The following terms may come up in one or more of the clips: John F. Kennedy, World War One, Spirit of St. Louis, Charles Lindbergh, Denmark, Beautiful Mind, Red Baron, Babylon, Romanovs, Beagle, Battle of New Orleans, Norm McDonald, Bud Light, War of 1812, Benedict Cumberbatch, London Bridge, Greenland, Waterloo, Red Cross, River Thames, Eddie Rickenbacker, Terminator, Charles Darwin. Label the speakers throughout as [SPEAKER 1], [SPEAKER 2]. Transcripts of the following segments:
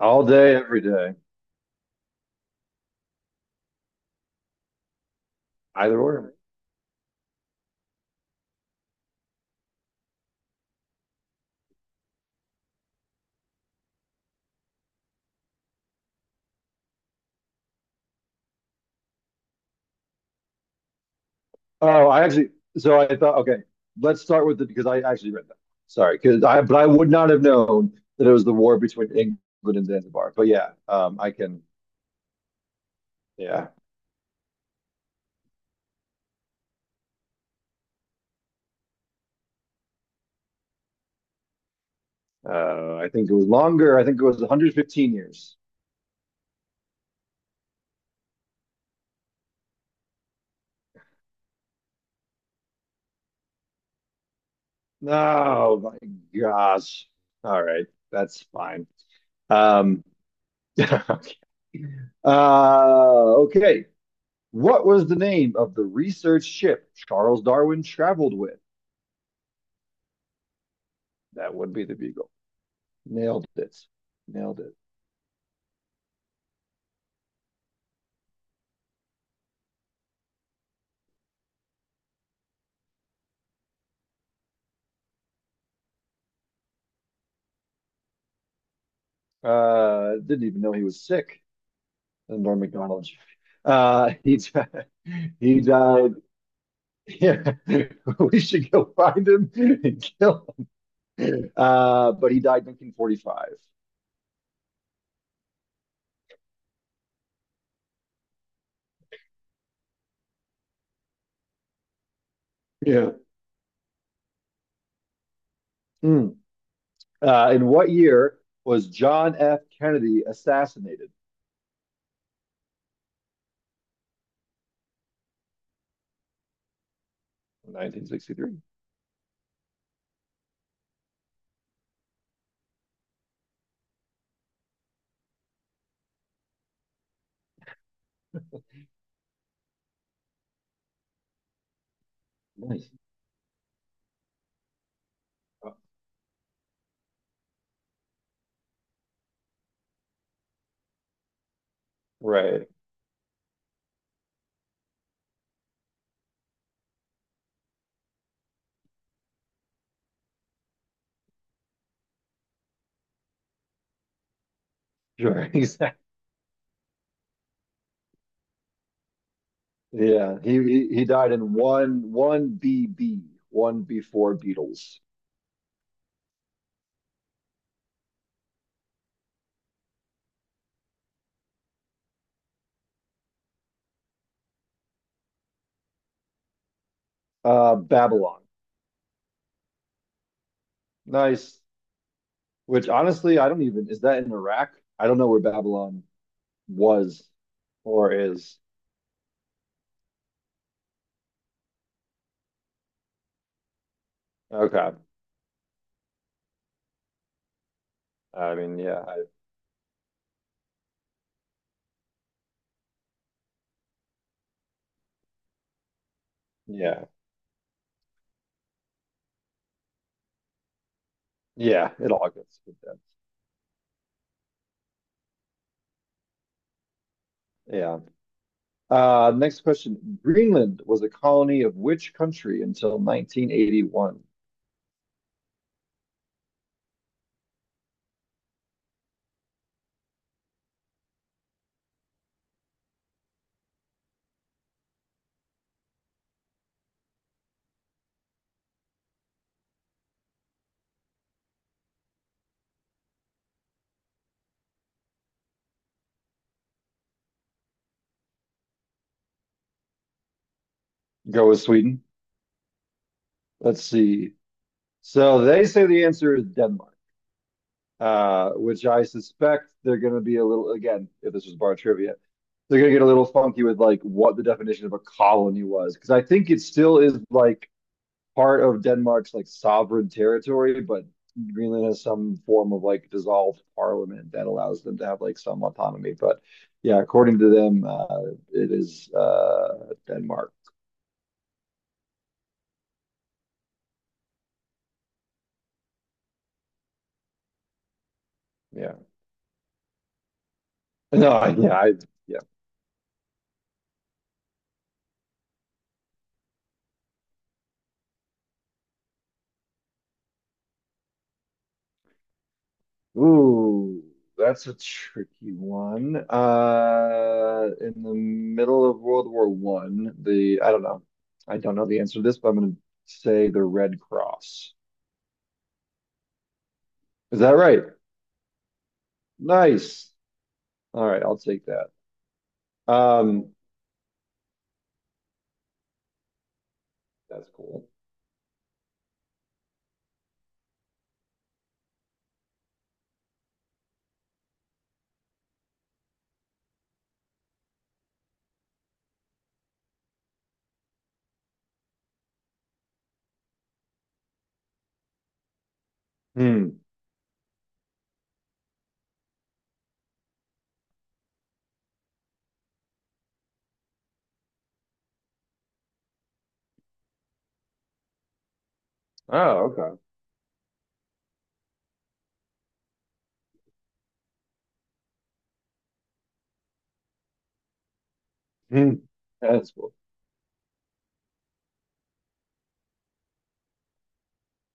[SPEAKER 1] All day, every day, either or. Oh, I actually, so I thought, okay, let's start with it because I actually read that. Sorry, because I, but I would not have known that it was the war between England and Zanzibar. But yeah, yeah, I think it was longer. I think it was 115 years. Oh my gosh. All right, that's fine. Um, uh, okay. What was the name of the research ship Charles Darwin traveled with? That would be the Beagle. Nailed it. Nailed it. Didn't even know he was sick. Norm McDonald. He died. He died. Yeah, we should go find him and kill him. But he died in 1945. Yeah. Mm. In what year was John F. Kennedy assassinated? 1963. Nice. Right. Sure. Exactly. Yeah. He died in one one B B one before Beatles. Babylon. Nice. Which honestly, I don't even, is that in Iraq? I don't know where Babylon was or is. Okay. I mean, yeah, yeah, yeah, it all gets good then. Yeah. Next question. Greenland was a colony of which country until 1981? Go with Sweden. Let's see. So they say the answer is Denmark, which I suspect they're going to be a little, again, if this was bar trivia, they're going to get a little funky with like what the definition of a colony was. Because I think it still is like part of Denmark's like sovereign territory, but Greenland has some form of like dissolved parliament that allows them to have like some autonomy. But yeah, according to them, it is Denmark. Yeah. No, yeah, ooh, that's a tricky one. In the middle of World War One, the I don't know the answer to this, but I'm gonna say the Red Cross. Is that right? Nice. All right, I'll take that. Um, that's cool. Hmm. Oh, okay. Hmm. That's cool.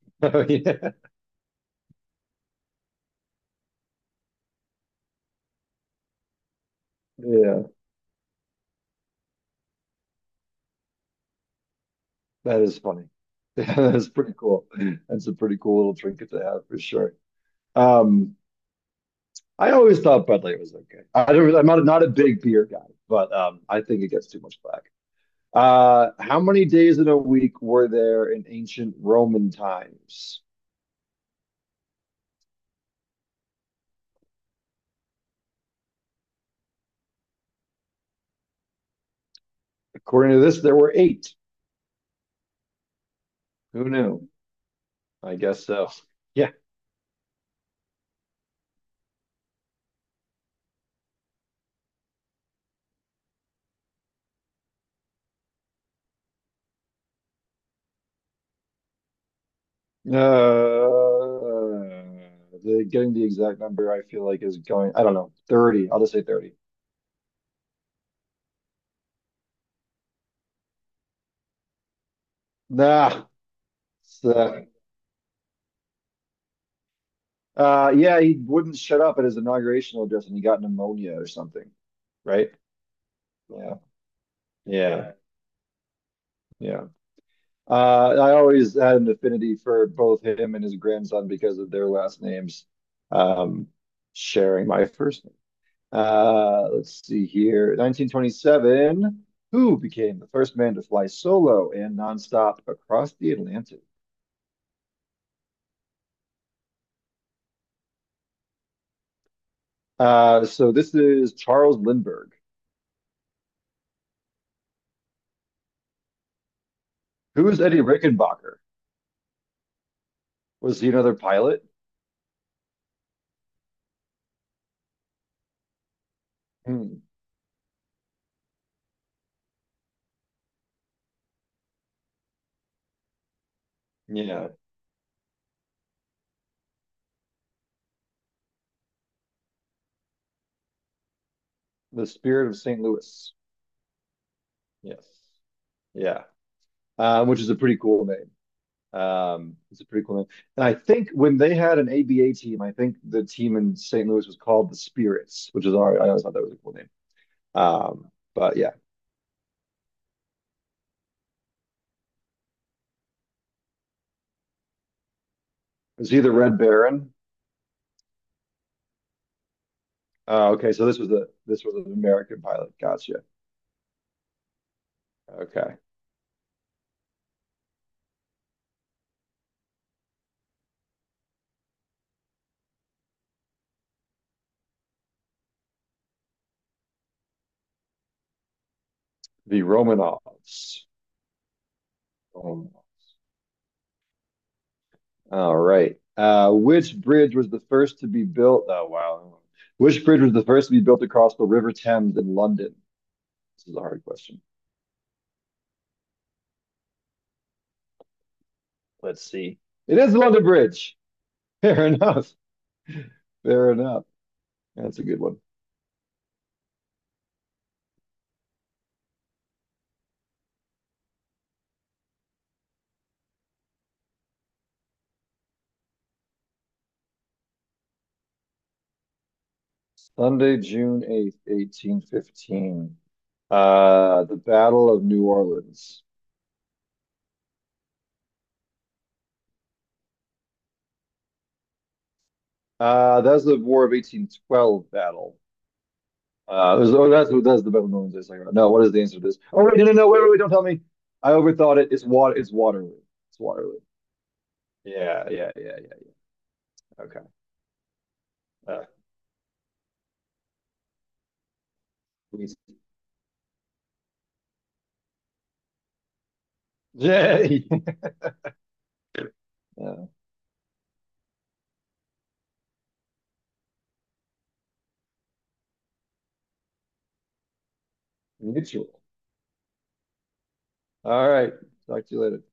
[SPEAKER 1] Oh yeah, yeah. That is funny. Yeah, that's pretty cool. That's a pretty cool little trinket to have for sure. Um. I always thought Bud Light was okay. I'm not a big beer guy, but I think it gets too much flack. How many days in a week were there in ancient Roman times? According to this, there were eight. Who knew? I guess so. Yeah. Uh, Getting the exact number, I feel like is going. I don't know. 30. I'll just say 30. Nah. It's, uh, yeah, he wouldn't shut up at his inauguration address, and he got pneumonia or something. Right? Yeah. Yeah. Yeah. Uh, I always had an affinity for both him and his grandson because of their last names, um, sharing my first name. Let's see here. 1927, who became the first man to fly solo and nonstop across the Atlantic? So this is Charles Lindbergh. Who is Eddie Rickenbacker? Was he another pilot? Hmm. Yeah. The Spirit of St. Louis. Yes. Yeah. Which is a pretty cool name. It's a pretty cool name. And I think when they had an ABA team, I think the team in St. Louis was called the Spirits, I always thought that was a cool name. Um, but yeah, is he the Red Baron? Okay, so this was the this was an American pilot. Gotcha. Okay, the Romanovs. Romanovs. All right. Which bridge was the first to be built? Oh wow. Which bridge was the first to be built across the River Thames in London? This is a hard question. Let's see. It is the London Bridge. Fair enough. Fair enough. That's a good one. Sunday, June 8th, 1815. The Battle of New Orleans. That's the War of 1812 battle. Oh, that's the Battle of New Orleans. I was talking about. No, what is the answer to this? Oh, wait, no, no, no, wait, wait, wait, don't tell me. I overthought it. It's water. It's Waterloo. It's Waterloo. Yeah, yeah, yeah, yeah. Okay. Uh, we- yeah. Yeah. Mutual. All right. Talk to you later.